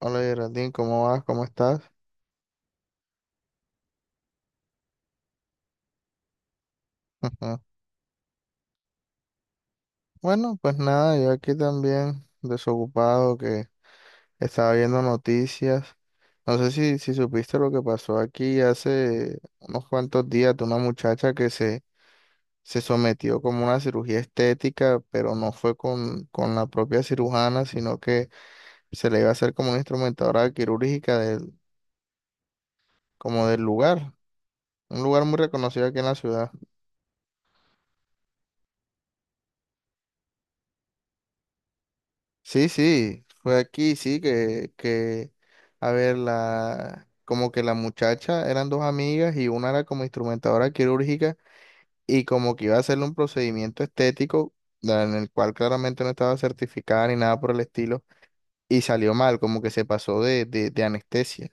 Hola Geraldine, ¿cómo vas? ¿Cómo estás? Ujú. Bueno, pues nada, yo aquí también desocupado que estaba viendo noticias. No sé si supiste lo que pasó aquí hace unos cuantos días de una muchacha que se sometió como una cirugía estética, pero no fue con la propia cirujana, sino que se le iba a hacer como una instrumentadora quirúrgica del, como del lugar, un lugar muy reconocido aquí en la ciudad. Sí, sí, fue aquí, sí, que, a ver, como que la muchacha eran dos amigas y una era como instrumentadora quirúrgica y como que iba a hacerle un procedimiento estético en el cual claramente no estaba certificada ni nada por el estilo y salió mal, como que se pasó de anestesia.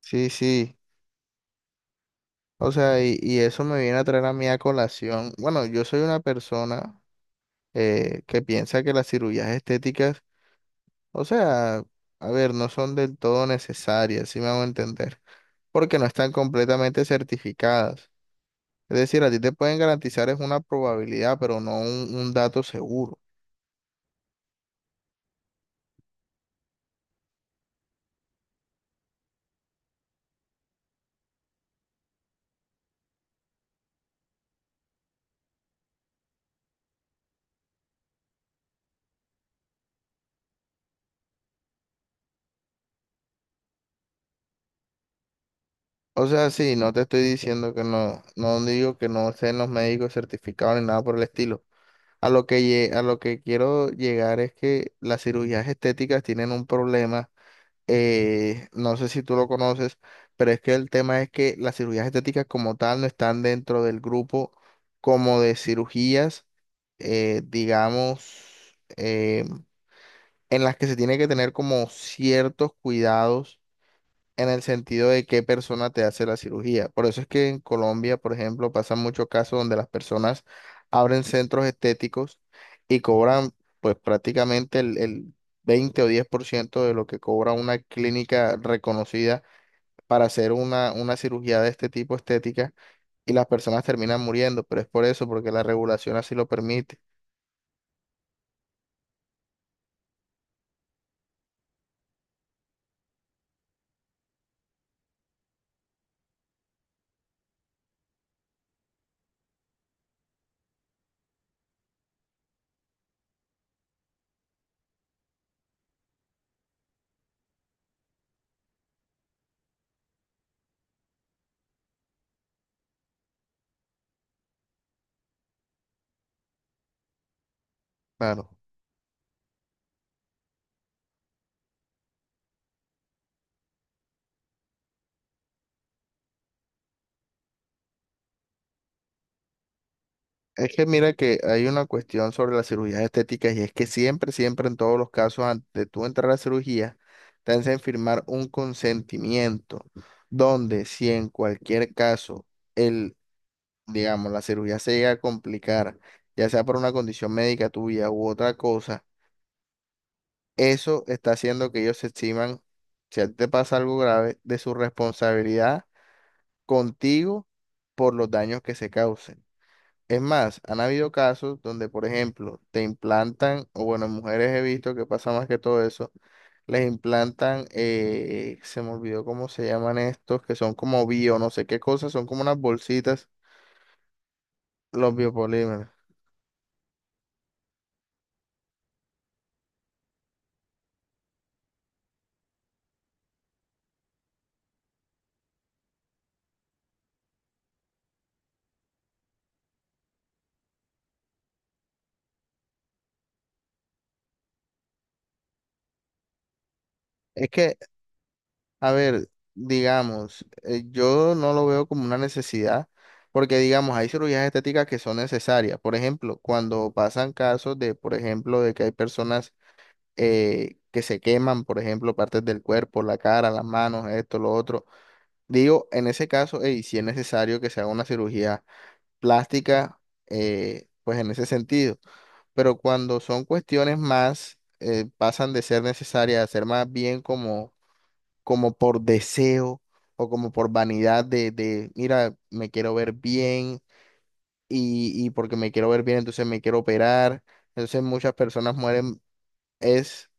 Sí, sí, o sea, y eso me viene a traer a mí a colación. Bueno, yo soy una persona que piensa que las cirugías estéticas, o sea, a ver, no son del todo necesarias, si me hago entender, porque no están completamente certificadas. Es decir, a ti te pueden garantizar es una probabilidad, pero no un dato seguro. O sea, sí, no te estoy diciendo que no, no digo que no sean los médicos certificados ni nada por el estilo. A lo que quiero llegar es que las cirugías estéticas tienen un problema, no sé si tú lo conoces, pero es que el tema es que las cirugías estéticas como tal no están dentro del grupo como de cirugías, digamos, en las que se tiene que tener como ciertos cuidados en el sentido de qué persona te hace la cirugía. Por eso es que en Colombia, por ejemplo, pasan muchos casos donde las personas abren centros estéticos y cobran pues prácticamente el 20% o 10% de lo que cobra una clínica reconocida para hacer una cirugía de este tipo estética y las personas terminan muriendo, pero es por eso, porque la regulación así lo permite. Claro. Es que mira que hay una cuestión sobre las cirugías estéticas y es que siempre, siempre en todos los casos, antes de tú entrar a la cirugía, te hacen firmar un consentimiento donde si en cualquier caso el, digamos, la cirugía se llega a complicar, ya sea por una condición médica tuya u otra cosa, eso está haciendo que ellos se eximan, si a ti te pasa algo grave, de su responsabilidad contigo por los daños que se causen. Es más, han habido casos donde, por ejemplo, te implantan, o bueno, en mujeres he visto que pasa más que todo eso, les implantan, se me olvidó cómo se llaman estos, que son como bio, no sé qué cosas, son como unas bolsitas, los biopolímeros. Es que, a ver, digamos, yo no lo veo como una necesidad, porque digamos, hay cirugías estéticas que son necesarias. Por ejemplo, cuando pasan casos de, por ejemplo, de que hay personas que se queman, por ejemplo, partes del cuerpo, la cara, las manos, esto, lo otro. Digo, en ese caso, y si es necesario que se haga una cirugía plástica, pues en ese sentido. Pero cuando son cuestiones más, pasan de ser necesarias a ser más bien como, por deseo o como por vanidad mira, me quiero ver bien y porque me quiero ver bien, entonces me quiero operar. Entonces muchas personas mueren es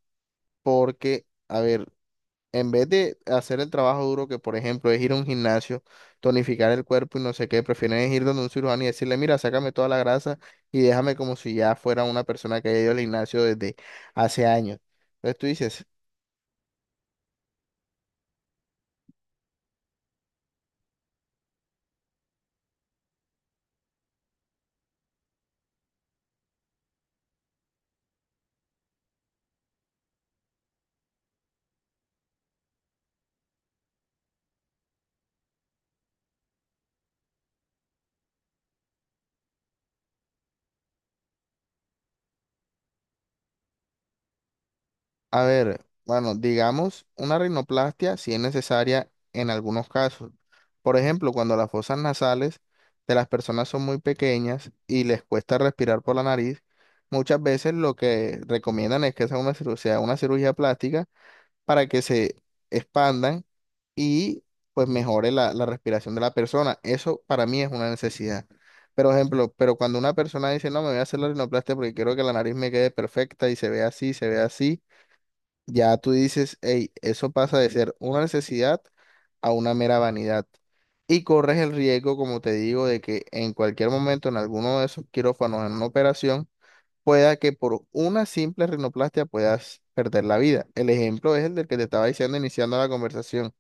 porque, a ver, en vez de hacer el trabajo duro que, por ejemplo, es ir a un gimnasio, tonificar el cuerpo y no sé qué, prefieren ir donde un cirujano y decirle, mira, sácame toda la grasa y déjame como si ya fuera una persona que haya ido al gimnasio desde hace años. Entonces tú dices, a ver, bueno, digamos, una rinoplastia si es necesaria en algunos casos. Por ejemplo, cuando las fosas nasales de las personas son muy pequeñas y les cuesta respirar por la nariz, muchas veces lo que recomiendan es que sea una cirugía plástica para que se expandan y pues mejore la respiración de la persona. Eso para mí es una necesidad. Pero ejemplo, pero cuando una persona dice, no, me voy a hacer la rinoplastia porque quiero que la nariz me quede perfecta y se vea así, ya tú dices, hey, eso pasa de ser una necesidad a una mera vanidad. Y corres el riesgo, como te digo, de que en cualquier momento en alguno de esos quirófanos, en una operación, pueda que por una simple rinoplastia puedas perder la vida. El ejemplo es el del que te estaba diciendo iniciando la conversación.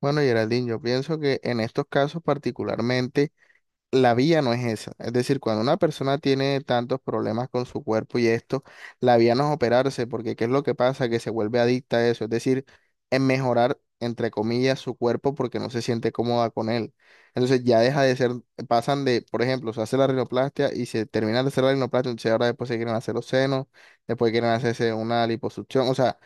Bueno, Geraldine, yo pienso que en estos casos particularmente la vía no es esa. Es decir, cuando una persona tiene tantos problemas con su cuerpo y esto, la vía no es operarse, porque ¿qué es lo que pasa? Que se vuelve adicta a eso. Es decir, en mejorar, entre comillas, su cuerpo porque no se siente cómoda con él. Entonces ya deja de ser, pasan de, por ejemplo, se hace la rinoplastia y se termina de hacer la rinoplastia, entonces ahora después se quieren hacer los senos, después quieren hacerse una liposucción. O sea,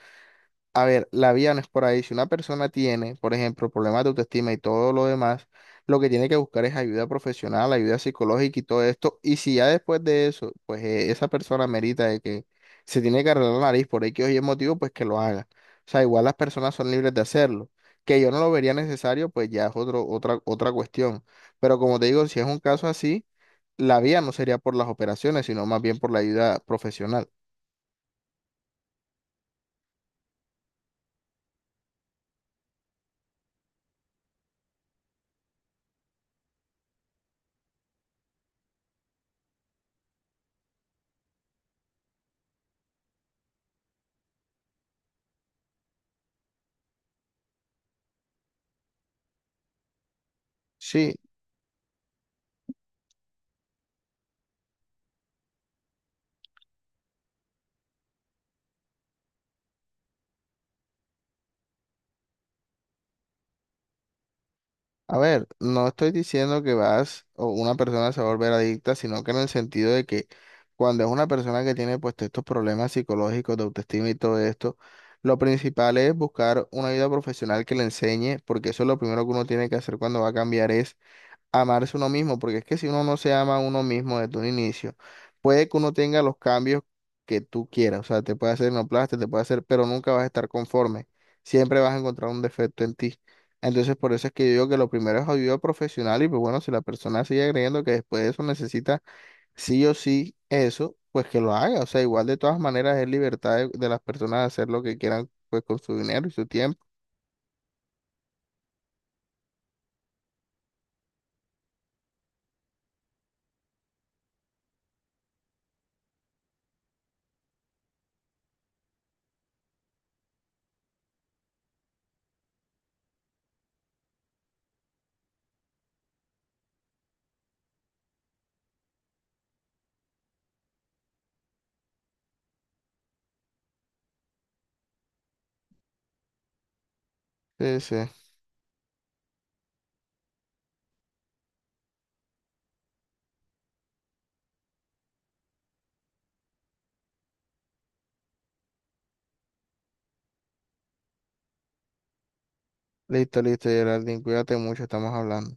a ver, la vía no es por ahí. Si una persona tiene, por ejemplo, problemas de autoestima y todo lo demás, lo que tiene que buscar es ayuda profesional, ayuda psicológica y todo esto. Y si ya después de eso, pues esa persona merita de que se tiene que arreglar la nariz por X o Y motivo, pues que lo haga. O sea, igual las personas son libres de hacerlo. Que yo no lo vería necesario, pues ya es otra cuestión. Pero como te digo, si es un caso así, la vía no sería por las operaciones, sino más bien por la ayuda profesional. Sí. A ver, no estoy diciendo que vas o una persona se va a volver adicta, sino que en el sentido de que cuando es una persona que tiene pues estos problemas psicológicos de autoestima y todo esto, lo principal es buscar una ayuda profesional que le enseñe, porque eso es lo primero que uno tiene que hacer cuando va a cambiar es amarse uno mismo, porque es que si uno no se ama a uno mismo desde un inicio, puede que uno tenga los cambios que tú quieras, o sea, te puede hacer plástico te puede hacer, pero nunca vas a estar conforme, siempre vas a encontrar un defecto en ti. Entonces, por eso es que yo digo que lo primero es ayuda profesional y pues bueno, si la persona sigue creyendo que después de eso necesita sí o sí eso, pues que lo haga, o sea, igual de todas maneras es libertad de las personas de hacer lo que quieran pues con su dinero y su tiempo. Sí, sí. Listo, listo, Geraldine, cuídate mucho, estamos hablando.